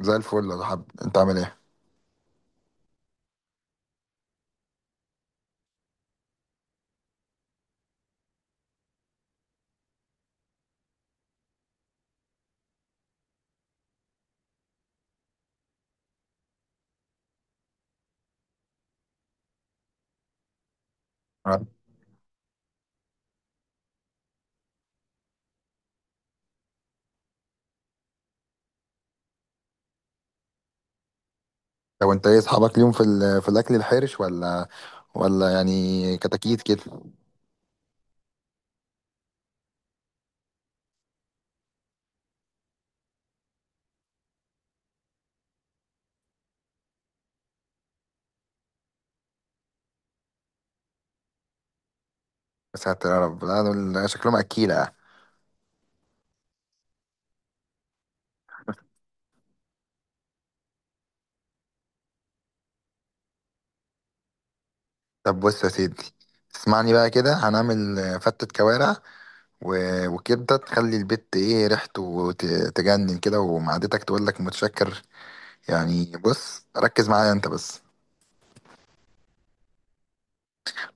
زي الفل يا حب، انت عامل ايه؟ اه. لو انت ايه اصحابك اليوم في الاكل الحرش، ولا يعني كتاكيت كده؟ يا ساتر يا رب، لا دول شكلهم اكيله يعني. طب بص يا سيدي، اسمعني بقى كده. هنعمل فتة كوارع وكبدة تخلي البيت ايه ريحته تجنن كده، ومعدتك تقول لك متشكر. يعني بص ركز معايا انت بس.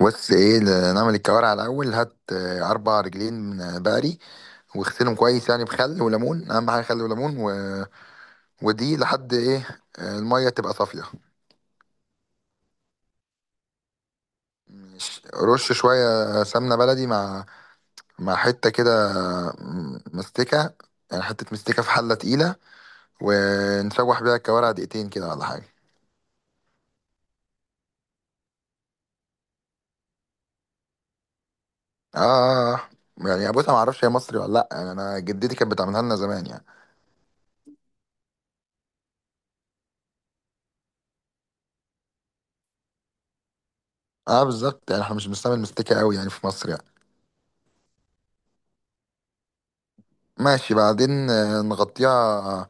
بص ايه، نعمل الكوارع الاول. هات 4 رجلين من بقري، واغسلهم كويس يعني بخل وليمون. اهم حاجه خل وليمون. ودي لحد ايه الميه تبقى صافيه. مش رش شويه سمنه بلدي مع حته كده مستكه. يعني حته مستكه في حله تقيله، ونشوح بيها الكوارع دقيقتين كده ولا حاجه. اه. يعني بص انا ما اعرفش هي مصري ولا لا، يعني انا جدتي كانت بتعملها لنا زمان يعني. اه بالظبط، يعني احنا مش بنستعمل مستكة قوي يعني في مصر يعني. ماشي. بعدين نغطيها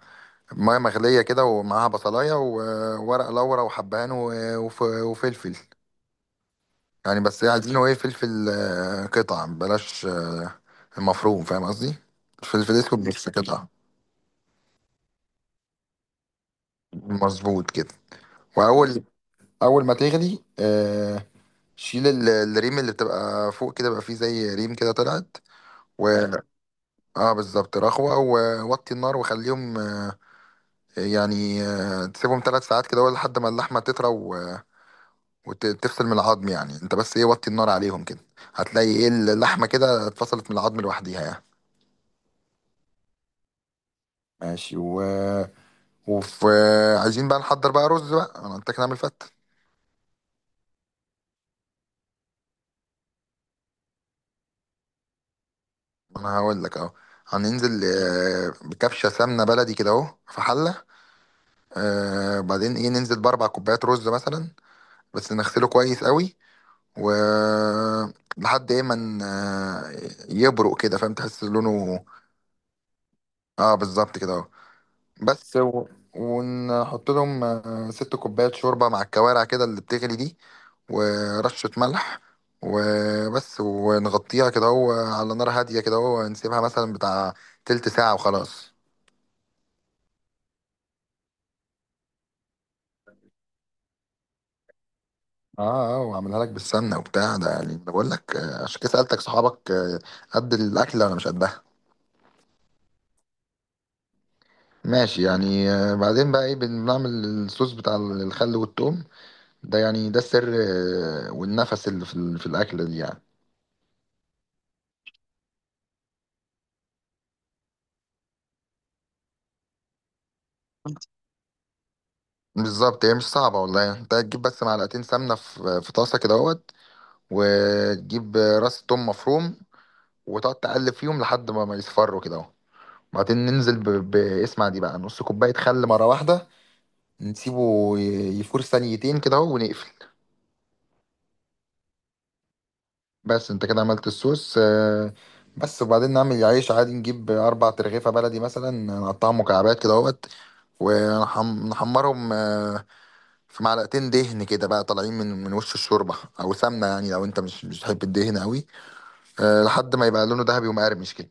ميه مغليه كده، ومعاها بصلايه وورق لورا وحبهان وفلفل. يعني بس عايزينه ايه؟ فلفل قطع بلاش، المفروم، فاهم قصدي، الفلفل الاسود بس قطع. مظبوط كده. واول اول ما تغلي، شيل الريم اللي بتبقى فوق كده، بقى فيه زي ريم كده طلعت و اه بالظبط، رخوة. ووطي النار وخليهم، يعني تسيبهم 3 ساعات كده ولا لحد ما اللحمه تطرى وتفصل من العظم. يعني انت بس ايه، وطي النار عليهم كده، هتلاقي ايه اللحمه كده اتفصلت من العظم لوحديها يعني. ماشي. وفي عايزين بقى نحضر بقى رز بقى، انا قلت لك نعمل فته. انا هقول لك اهو. هننزل بكبشه سمنه بلدي كده اهو في حله. بعدين ايه، ننزل باربع كوبايات رز مثلا، بس نغسله كويس قوي و لحد ايه ما يبرق كده، فاهم تحس لونه. اه بالظبط كده اهو بس. ونحط لهم 6 كوبايات شوربة مع الكوارع كده اللي بتغلي دي، ورشة ملح وبس. ونغطيها كده اهو، على نار هادية كده اهو، نسيبها مثلا بتاع تلت ساعة وخلاص. اه، اه. واعملها لك بالسمنة وبتاع ده يعني، أنا بقول لك عشان كده سألتك، صحابك قد الأكلة ولا مش قدها؟ ماشي يعني. بعدين بقى ايه بنعمل؟ الصوص بتاع الخل والثوم ده يعني، ده السر والنفس اللي في الأكلة دي يعني. بالظبط، هي مش صعبة والله يعني. انت هتجيب بس معلقتين سمنة في طاسة كده اهوت، وتجيب راس توم مفروم، وتقعد تقلب فيهم لحد ما يصفروا كده اهو. بعدين ننزل باسمع دي بقى، نص كوباية خل مرة واحدة، نسيبه يفور ثانيتين كده اهو ونقفل. بس انت كده عملت الصوص. بس. وبعدين نعمل عيش عادي، نجيب 4 ترغيفة بلدي مثلا، نقطعهم مكعبات كده اهوت، ونحمرهم في معلقتين دهن كده بقى طالعين من وش الشوربه او سمنه، يعني لو انت مش بتحب الدهن قوي. أه، لحد ما يبقى لونه ذهبي ومقرمش كده.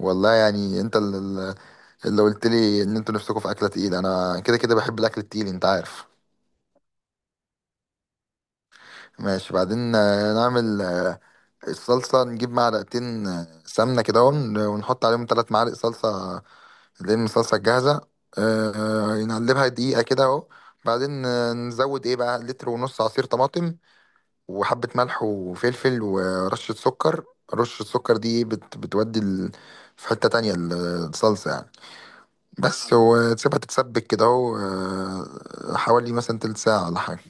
والله يعني انت اللي قلت لي ان انتوا نفسكم في اكله تقيله، انا كده كده بحب الاكل التقيل، انت عارف. ماشي. بعدين نعمل الصلصه، نجيب معلقتين سمنه كده، ونحط عليهم 3 معالق صلصه اللي هي من الصلصه الجاهزه. أه. نقلبها دقيقه كده اهو. بعدين نزود ايه بقى لتر ونص عصير طماطم وحبة ملح وفلفل ورشة سكر. رشة السكر دي بتودي في حتة تانية الصلصة يعني. بس. وتسيبها تتسبك كده اهو، حوالي مثلا تلت ساعة ولا حاجة.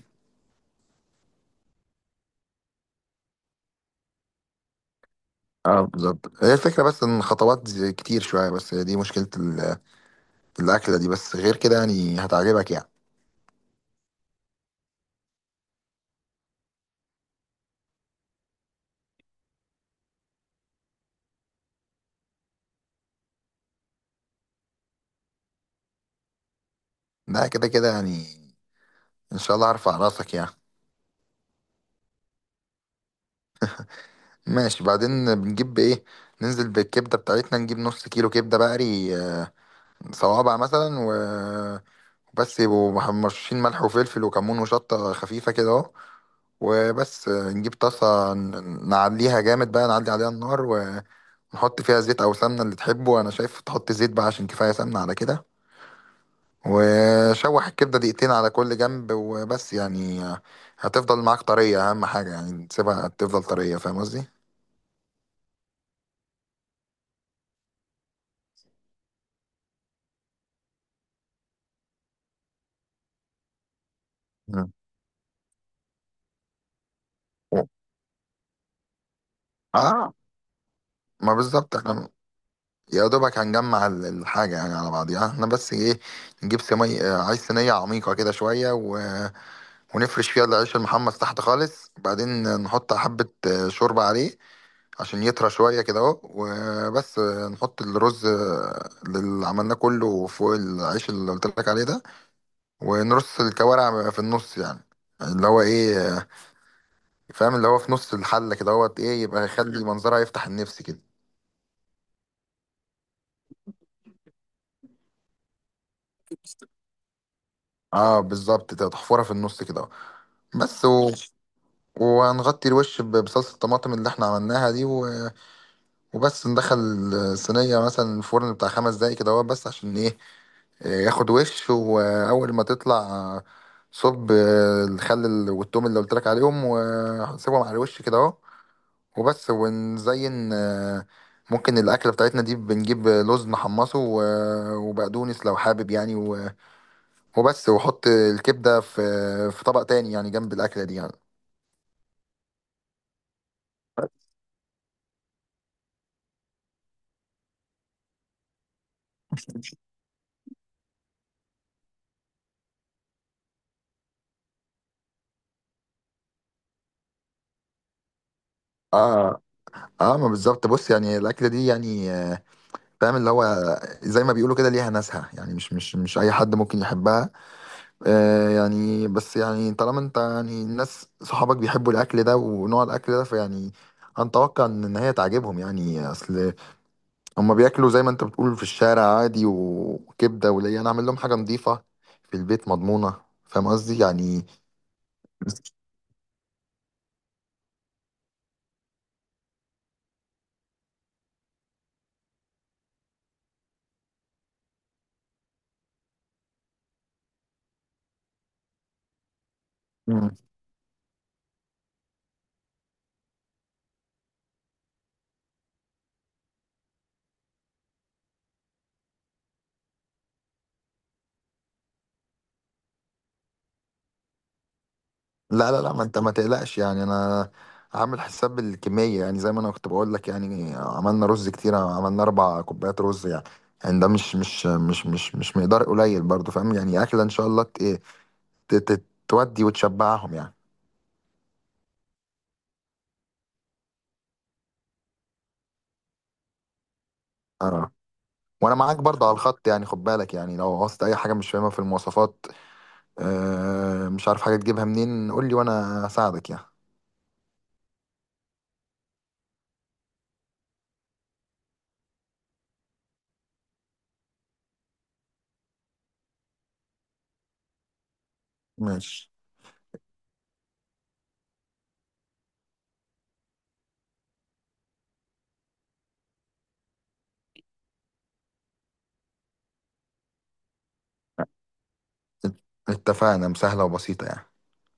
اه بالظبط، هي الفكرة. بس ان خطوات كتير شوية، بس هي دي مشكلة الأكلة دي، بس غير كده يعني هتعجبك يعني. لا، كده كده يعني ان شاء الله هرفع راسك يعني. ماشي. بعدين بنجيب ايه، ننزل بالكبدة بتاعتنا، نجيب نص كيلو كبدة بقري صوابع مثلا، بس يبقوا مرشين ملح وفلفل وكمون وشطة خفيفة كده اهو وبس. نجيب طاسة، نعليها جامد بقى، نعلي عليها النار، ونحط فيها زيت أو سمنة اللي تحبه. أنا شايف تحط زيت بقى عشان كفاية سمنة على كده، وشوح الكبدة دقيقتين على كل جنب وبس يعني. هتفضل معاك طرية، أهم حاجة يعني تسيبها تفضل طرية، فاهم قصدي؟ مم. اه، ما بالظبط احنا يا دوبك هنجمع الحاجة يعني على بعضيها، احنا بس ايه، نجيب صينية، عايز صينية عميقة كده شوية، ونفرش فيها العيش المحمص تحت خالص. بعدين نحط حبة شوربة عليه عشان يطرى شوية كده اهو وبس. نحط الرز اللي عملناه كله فوق العيش اللي قلت لك عليه ده، ونرص الكوارع في النص، يعني اللي هو ايه فاهم، اللي هو في نص الحلة كده اهوت ايه، يبقى يخلي منظرها يفتح النفس كده. اه بالظبط كده، تحفرها في النص كده اهو. بس. وهنغطي الوش بصلصة الطماطم اللي احنا عملناها دي. وبس. ندخل الصينية مثلا الفرن بتاع 5 دقايق كده هو بس، عشان ايه؟ إيه، ياخد وش. وأول ما تطلع، صب الخل والتوم اللي قلت لك عليهم، وسيبهم على الوش كده اهو وبس. ونزين ممكن الأكلة بتاعتنا دي بنجيب لوز نحمصه وبقدونس لو حابب يعني. وبس. وحط الكبدة في طبق تاني يعني جنب الأكلة دي يعني. اه، اه. ما بالظبط، بص يعني الأكلة دي يعني فاهم، اللي هو زي ما بيقولوا كده ليها ناسها يعني، مش اي حد ممكن يحبها. يعني بس يعني طالما انت يعني الناس صحابك بيحبوا الاكل ده ونوع الاكل ده، فيعني هنتوقع ان هي تعجبهم، يعني اصل هما بياكلوا زي ما انت بتقول في الشارع عادي وكبده، وليا انا اعمل لهم حاجه نظيفه في البيت مضمونه، فاهم قصدي يعني. لا، لا، لا، ما انت ما تقلقش يعني. انا عامل حساب الكميه، يعني زي ما انا كنت بقول لك يعني عملنا رز كتير، عملنا 4 كوبايات رز يعني، يعني ده مش مقدار قليل برضو، فاهم؟ يعني اكله ان شاء الله تودي وتشبعهم يعني. اه. وانا معاك برضه على الخط، يعني خد بالك يعني لو عوزت اي حاجه مش فاهمها في المواصفات، مش عارف حاجه تجيبها منين، قول لي وانا اساعدك يعني. ماشي. ات- اتفقنا، مسهله وبسيطه يعني.